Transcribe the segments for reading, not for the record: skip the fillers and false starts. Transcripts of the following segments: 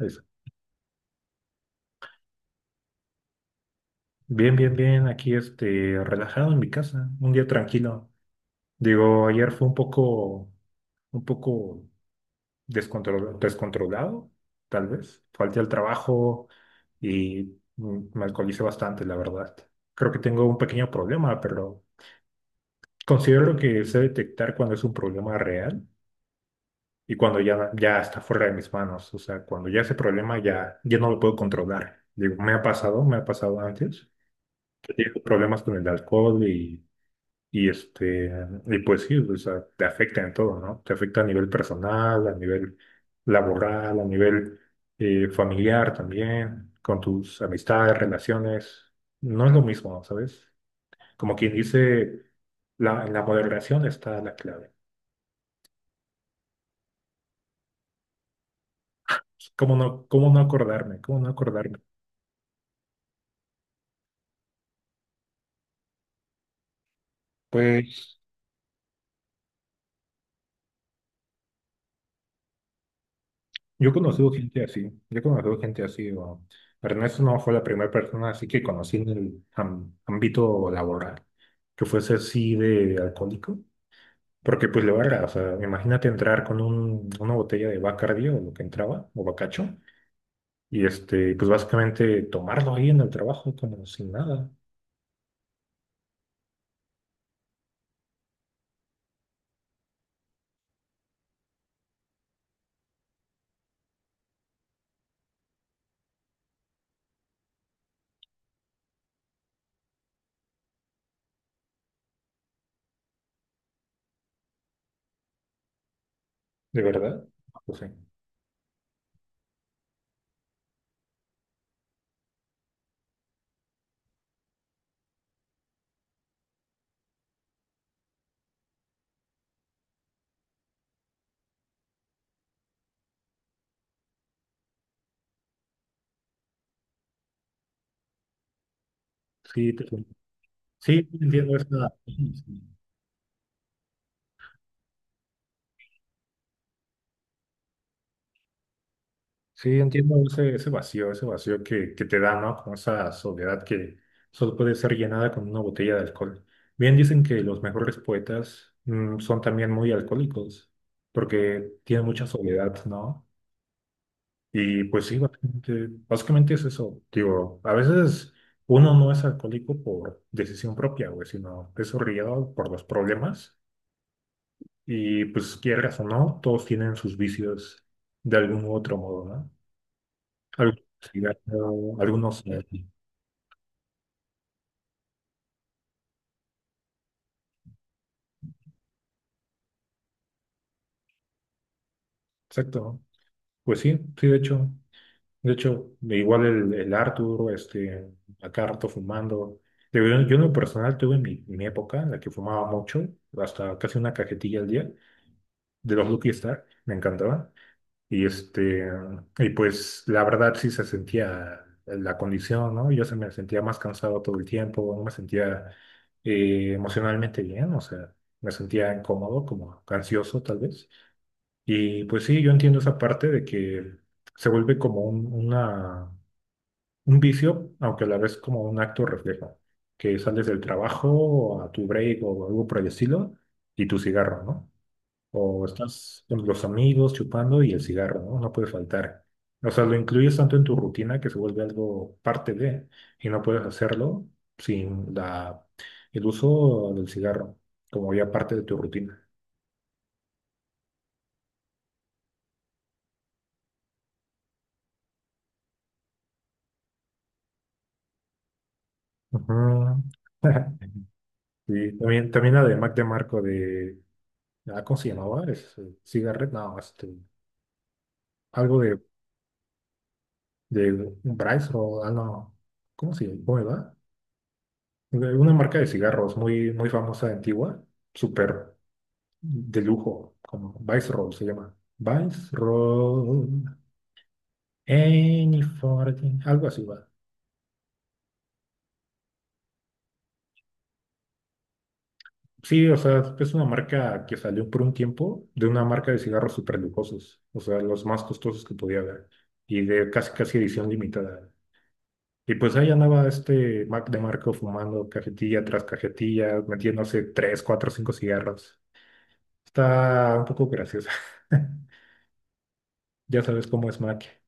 Eso. Bien, bien, bien. Aquí relajado en mi casa, un día tranquilo. Digo, ayer fue un poco descontrolado, tal vez. Falté al trabajo y me alcoholicé bastante, la verdad. Creo que tengo un pequeño problema, pero considero que sé detectar cuando es un problema real y cuando ya está fuera de mis manos. O sea, cuando ya ese problema ya no lo puedo controlar. Digo, me ha pasado antes, que tengo problemas con el alcohol y pues sí, o sea, te afecta en todo, ¿no? Te afecta a nivel personal, a nivel laboral, a nivel familiar también, con tus amistades, relaciones. No es lo mismo, ¿sabes? Como quien dice, en la moderación está la clave. Pues, ¿cómo no, cómo no acordarme? ¿Cómo no acordarme? Pues Yo he conocido gente así, yo he conocido gente así, Ernesto no fue la primera persona así que conocí en el ámbito laboral, que fuese así de alcohólico, porque pues le valga, o sea, imagínate entrar con una botella de Bacardi o lo que entraba, o Bacacho, y pues básicamente tomarlo ahí en el trabajo como sin nada, de verdad, o sea, sí, sí, entiendo sí, sí. Sí, entiendo ese vacío que te da, ¿no? Como esa soledad que solo puede ser llenada con una botella de alcohol. Bien dicen que los mejores poetas son también muy alcohólicos, porque tienen mucha soledad, ¿no? Y pues sí, básicamente es eso. Digo, a veces uno no es alcohólico por decisión propia, güey, sino es orillado por los problemas. Y pues quieras o no, todos tienen sus vicios de algún u otro modo, ¿no? Algo Algunos, exacto. Pues sí, sí, de hecho. De hecho, igual el Arthur, acá rato fumando. De verdad, yo en lo personal tuve mi época en la que fumaba mucho, hasta casi una cajetilla al día, de los Lucky Star, me encantaba. Y este, y pues la verdad sí se sentía la condición, ¿no? Yo se me sentía más cansado todo el tiempo, no me sentía emocionalmente bien, o sea, me sentía incómodo, como ansioso tal vez. Y pues sí, yo entiendo esa parte de que se vuelve como un vicio, aunque a la vez como un acto reflejo, que sales del trabajo a tu break o algo por el estilo y tu cigarro, ¿no? O estás con los amigos chupando y el cigarro, ¿no? No puede faltar. O sea, lo incluyes tanto en tu rutina que se vuelve algo parte de, y no puedes hacerlo sin la, el uso del cigarro, como ya parte de tu rutina. Ujú. Sí, también, también la de Mac DeMarco de, ah, ¿cómo se llamaba? Es, Cigarette, no, algo de Bryce o, ah, no, ¿cómo se llama? ¿Cómo era? De una marca de cigarros muy, muy famosa, antigua, súper de lujo, como Roll se llama. Roll Any 14, algo así va. Sí, o sea, es una marca que salió por un tiempo de una marca de cigarros súper lujosos, o sea, los más costosos que podía haber y de casi casi edición limitada. Y pues ahí andaba este Mac de Marco fumando cajetilla tras cajetilla, metiéndose tres, cuatro, cinco cigarros. Está un poco graciosa. Ya sabes cómo es Mac.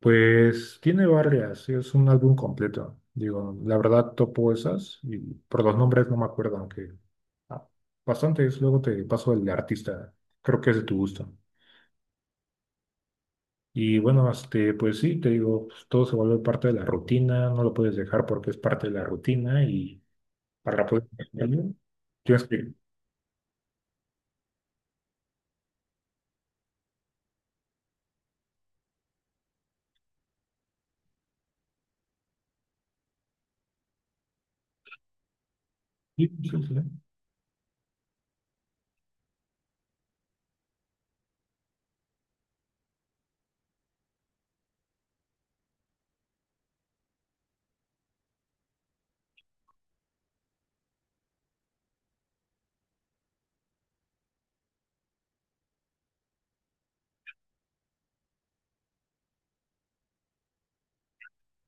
Pues tiene varias, es un álbum completo. Digo, la verdad topo esas y por los nombres no me acuerdo, aunque ah, bastantes. Luego te paso el artista, creo que es de tu gusto. Y bueno, pues sí, te digo, pues, todo se vuelve parte de la rutina, no lo puedes dejar porque es parte de la rutina y para poder hacerlo, tienes que... Sí, sí, sí.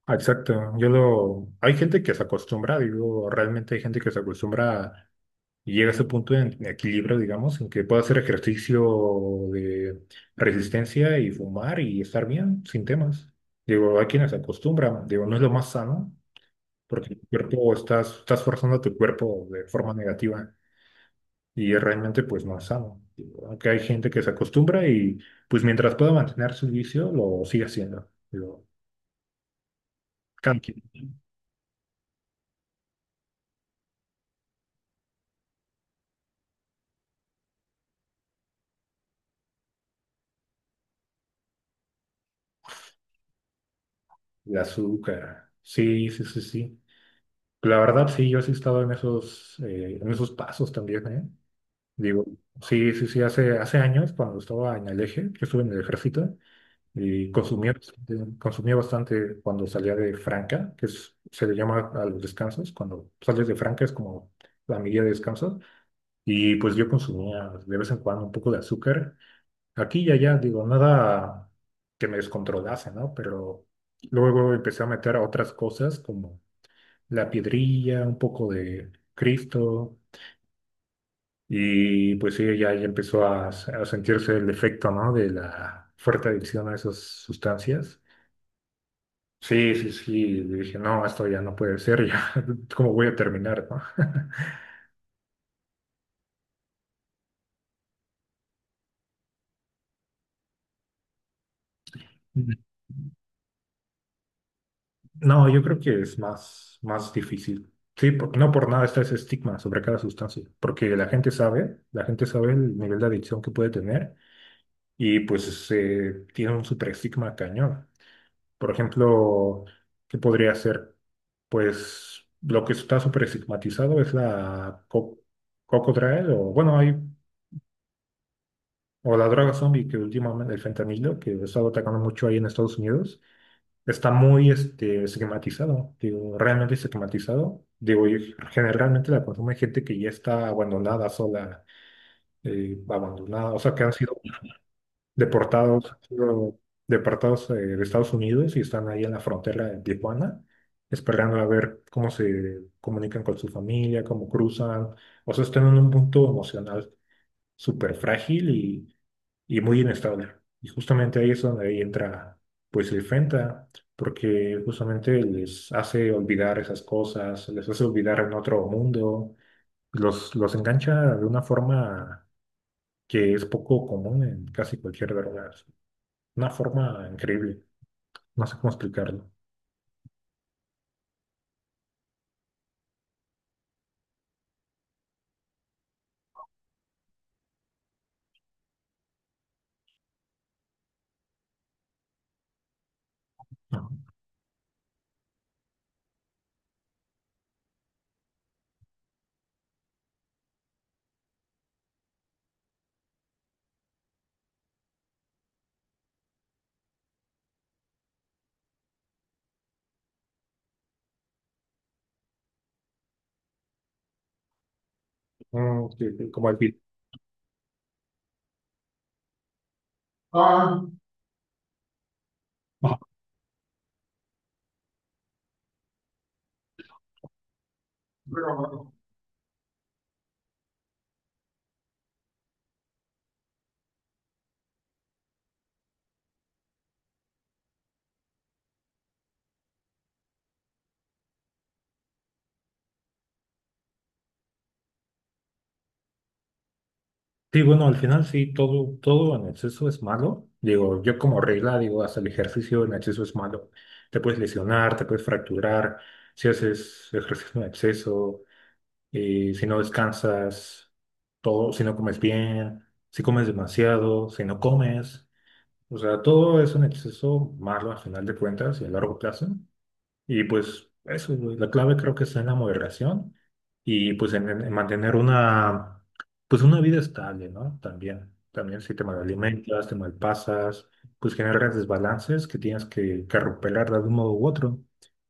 Ah, exacto, yo lo... Hay gente que se acostumbra, digo, realmente hay gente que se acostumbra a- y llega a ese punto de equilibrio, digamos, en que puede hacer ejercicio de resistencia y fumar y estar bien, sin temas. Digo, hay quienes se acostumbran, digo, no es lo más sano, porque tu cuerpo, estás forzando a tu cuerpo de forma negativa. Y es realmente pues no es sano. Aunque hay gente que se acostumbra y pues mientras pueda mantener su vicio, lo sigue haciendo. Lo cambia. El azúcar. Sí, sí, sí, sí. La verdad, sí, yo sí he estado en esos pasos también, ¿eh? Digo, sí, sí, sí, hace años cuando estaba en el eje, yo estuve en el ejército y consumía bastante cuando salía de Franca, se le llama a los descansos, cuando sales de Franca es como la medida de descanso. Y pues yo consumía de vez en cuando un poco de azúcar. Aquí y allá, digo, nada que me descontrolase, ¿no? Pero luego empecé a meter otras cosas como la piedrilla, un poco de Cristo. Y pues sí, ya, ya empezó a sentirse el efecto, ¿no? De la fuerte adicción a esas sustancias. Sí, sí, sí. Dije, no, esto ya no puede ser, ya, ¿cómo voy a terminar, no? No, yo creo que es más, más difícil. Sí, no por nada está ese estigma sobre cada sustancia, porque la gente sabe el nivel de adicción que puede tener y pues tiene un super estigma cañón. Por ejemplo, ¿qué podría ser? Pues lo que está súper estigmatizado es la Cocodrilo, o bueno, hay, o la droga zombie que últimamente, el fentanilo, que ha estado atacando mucho ahí en Estados Unidos está muy estigmatizado, digo, realmente estigmatizado. Digo, y generalmente la consume gente que ya está abandonada, sola, abandonada, o sea, que han sido deportados de Estados Unidos y están ahí en la frontera de Tijuana, esperando a ver cómo se comunican con su familia, cómo cruzan, o sea, están en un punto emocional súper frágil y muy inestable. Y justamente ahí es donde ahí entra pues el Fenta, porque justamente les hace olvidar esas cosas, les hace olvidar en otro mundo, los engancha de una forma que es poco común en casi cualquier droga, una forma increíble, no sé cómo explicarlo. Que como el beat. Ah, Sí, bueno, al final sí, todo, todo en exceso es malo. Digo, yo como regla digo, hasta el ejercicio en exceso es malo. Te puedes lesionar, te puedes fracturar, si haces ejercicio en exceso, si no descansas, todo, si no comes bien, si comes demasiado, si no comes. O sea, todo es un exceso malo al final de cuentas y a largo plazo. Y pues eso, güey, la clave creo que está en la moderación y pues en mantener pues una vida estable, ¿no? También, también si te malalimentas, te malpasas, pues generas desbalances que tienes que recuperar de algún modo u otro,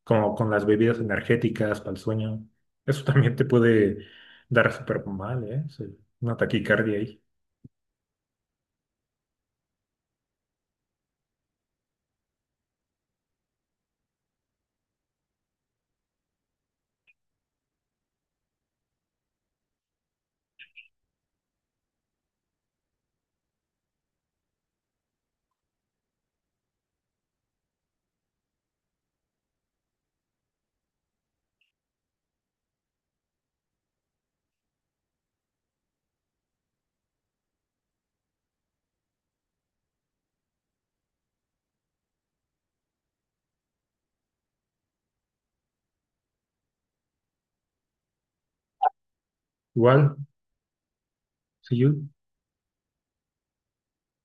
como con las bebidas energéticas para el sueño. Eso también te puede dar súper mal, ¿eh? Sí, una taquicardia ahí. Igual, si yo